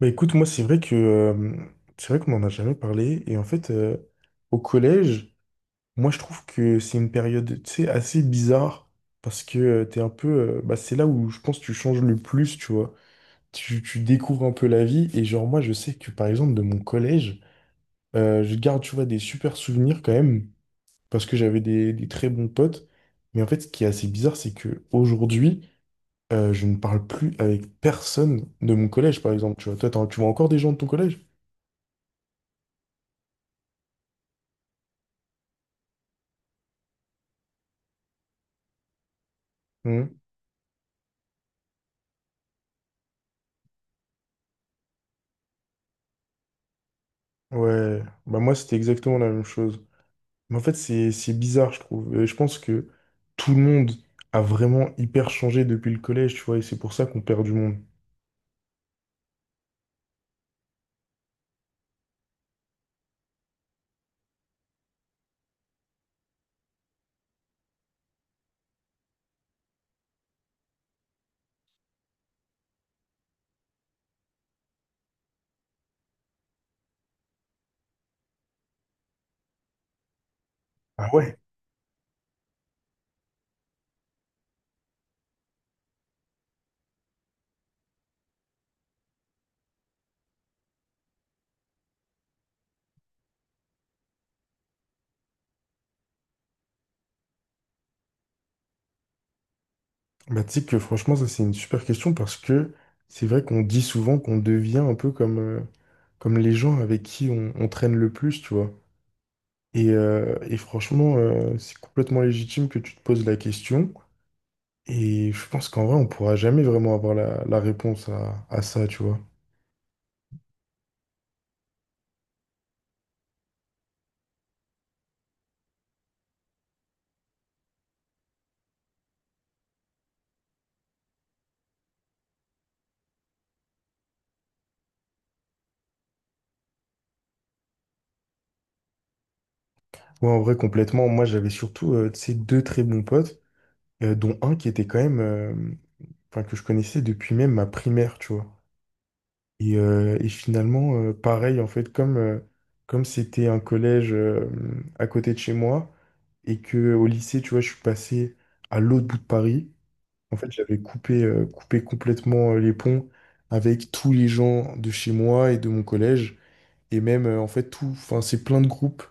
Écoute, moi c'est vrai que c'est vrai qu'on n'en a jamais parlé. Et en fait, au collège, moi je trouve que c'est une période, tu sais, assez bizarre parce que t'es un peu, bah c'est là où je pense que tu changes le plus, tu vois. Tu découvres un peu la vie. Et genre moi je sais que par exemple de mon collège, je garde, tu vois, des super souvenirs quand même parce que j'avais des très bons potes. Mais en fait, ce qui est assez bizarre, c'est que aujourd'hui, je ne parle plus avec personne de mon collège, par exemple. Tu vois, toi, tu vois encore des gens de ton collège? Mmh. Ouais, bah moi c'était exactement la même chose. Mais en fait c'est bizarre je trouve. Et je pense que tout le monde a vraiment hyper changé depuis le collège, tu vois, et c'est pour ça qu'on perd du monde. Ah ouais? Bah tu sais que franchement ça c'est une super question parce que c'est vrai qu'on dit souvent qu'on devient un peu comme, comme les gens avec qui on traîne le plus, tu vois. Et franchement c'est complètement légitime que tu te poses la question. Et je pense qu'en vrai on pourra jamais vraiment avoir la réponse à ça, tu vois. Ouais, en vrai, complètement. Moi, j'avais surtout tu sais, deux très bons potes, dont un qui était quand même, enfin, que je connaissais depuis même ma primaire, tu vois. Et finalement, pareil, en fait, comme c'était un collège à côté de chez moi et que au lycée, tu vois, je suis passé à l'autre bout de Paris. En fait, j'avais coupé, coupé complètement les ponts avec tous les gens de chez moi et de mon collège. Et même, en fait, enfin, c'est plein de groupes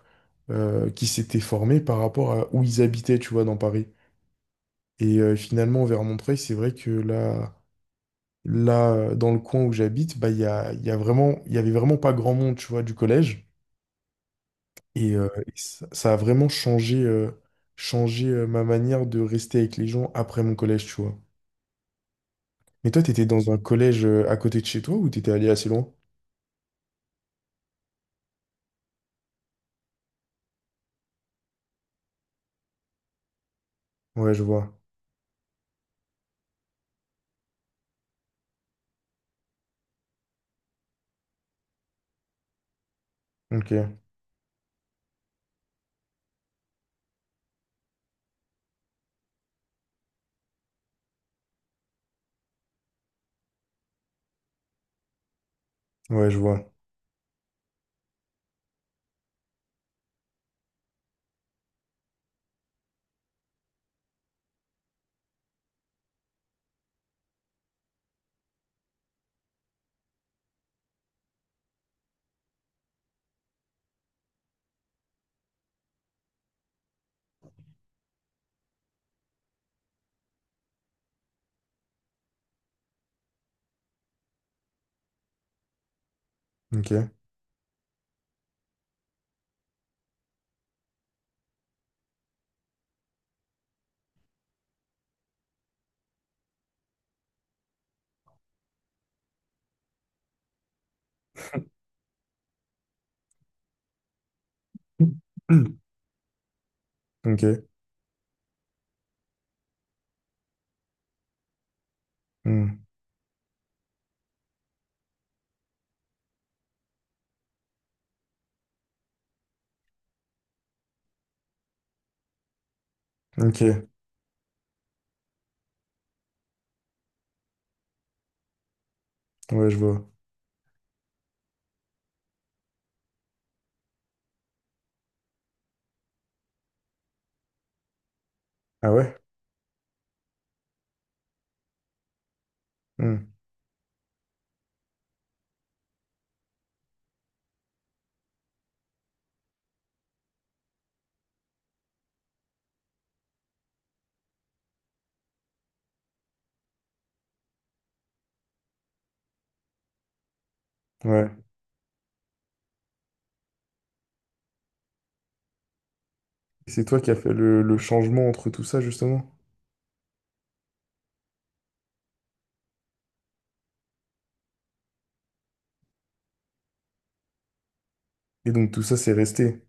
qui s'étaient formés par rapport à où ils habitaient, tu vois, dans Paris. Et finalement, vers Montreuil, c'est vrai que là, dans le coin où j'habite, bah, il y a vraiment, il y avait vraiment pas grand monde, tu vois, du collège. Et ça, ça a vraiment changé, ma manière de rester avec les gens après mon collège, tu vois. Mais toi, t'étais dans un collège à côté de chez toi ou t'étais allé assez loin? Ouais, je vois. Ok. Ouais, je vois. Ok. Ok. Hmm. Ok. Ouais, je vois. Ah ouais? Hmm. Ouais. Et c'est toi qui as fait le changement entre tout ça, justement? Et donc tout ça, c'est resté.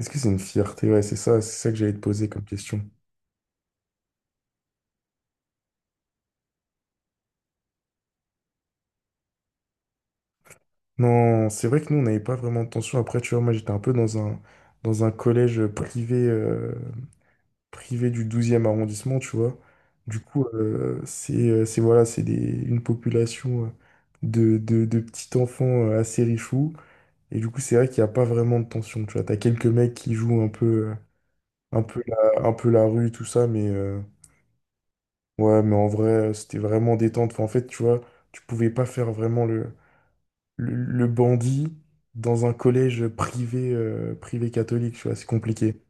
Est-ce que c'est une fierté? Ouais, c'est ça que j'allais te poser comme question. Non, c'est vrai que nous, on n'avait pas vraiment de tension. Après, tu vois, moi, j'étais un peu dans un collège privé. Privé du douzième arrondissement, tu vois. Du coup, c'est voilà, une population de petits enfants assez richoux. Et du coup, c'est vrai qu'il n'y a pas vraiment de tension, tu vois. T'as quelques mecs qui jouent un peu, un peu un peu la rue, tout ça, mais ouais, mais en vrai, c'était vraiment détente. Enfin, en fait, tu vois, tu pouvais pas faire vraiment le bandit dans un collège privé, privé catholique, tu vois, c'est compliqué.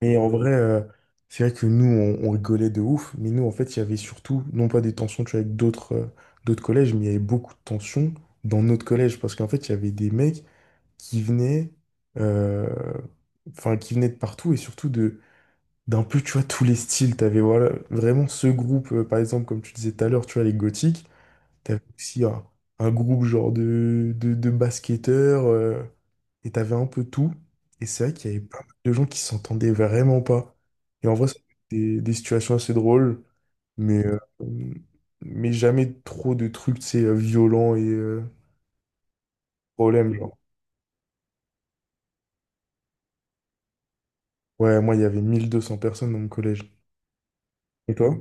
Et en vrai, c'est vrai que nous, on rigolait de ouf, mais nous, en fait, il y avait surtout, non pas des tensions tu vois, avec d'autres collèges, mais il y avait beaucoup de tensions dans notre collège, parce qu'en fait, il y avait des mecs qui venaient, euh, enfin, qui venaient de partout, et surtout de d'un peu, tu vois, tous les styles. T'avais voilà, vraiment ce groupe, par exemple, comme tu disais tout à l'heure, tu vois, les gothiques, t'avais aussi un groupe genre de basketteurs, et t'avais un peu tout. Et c'est vrai qu'il y avait pas mal de gens qui s'entendaient vraiment pas. Et en vrai, ça fait des situations assez drôles, mais, euh, mais jamais trop de trucs, tu sais, violents et problèmes, genre. Ouais, moi, il y avait 1 200 personnes dans mon collège. Et toi?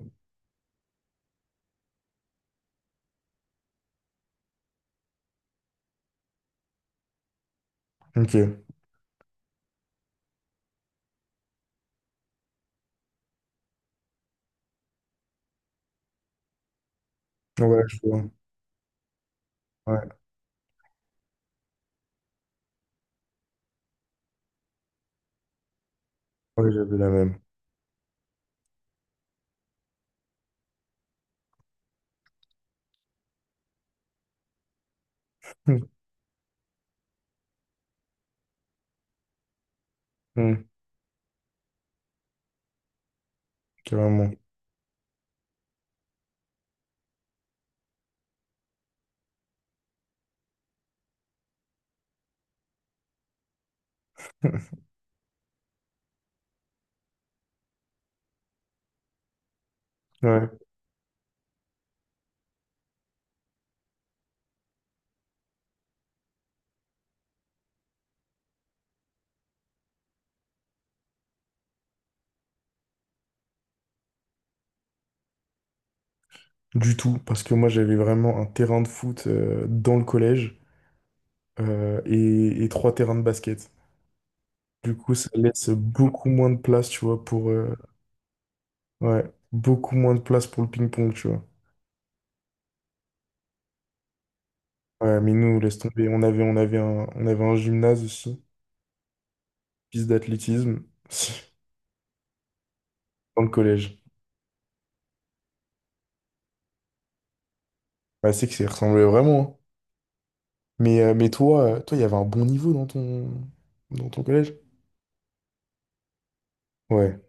Ok. Ouais, je vois. Ouais, ouais, j'avais la même. Hum, hum, Carrément. Ouais, du tout, parce que moi j'avais vraiment un terrain de foot dans le collège et trois terrains de basket. Du coup, ça laisse beaucoup moins de place, tu vois, pour... ouais, beaucoup moins de place pour le ping-pong, tu vois. Ouais, mais nous, laisse tomber. On avait on avait un gymnase aussi, piste d'athlétisme, dans le collège. Bah, c'est que ça y ressemblait vraiment. Hein. Mais toi, toi, il y avait un bon niveau dans dans ton collège? Ouais.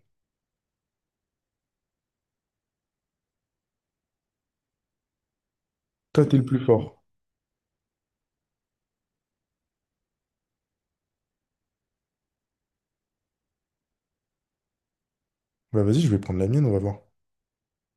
Toi, t'es le plus fort. Bah, vas-y, je vais prendre la mienne, on va voir.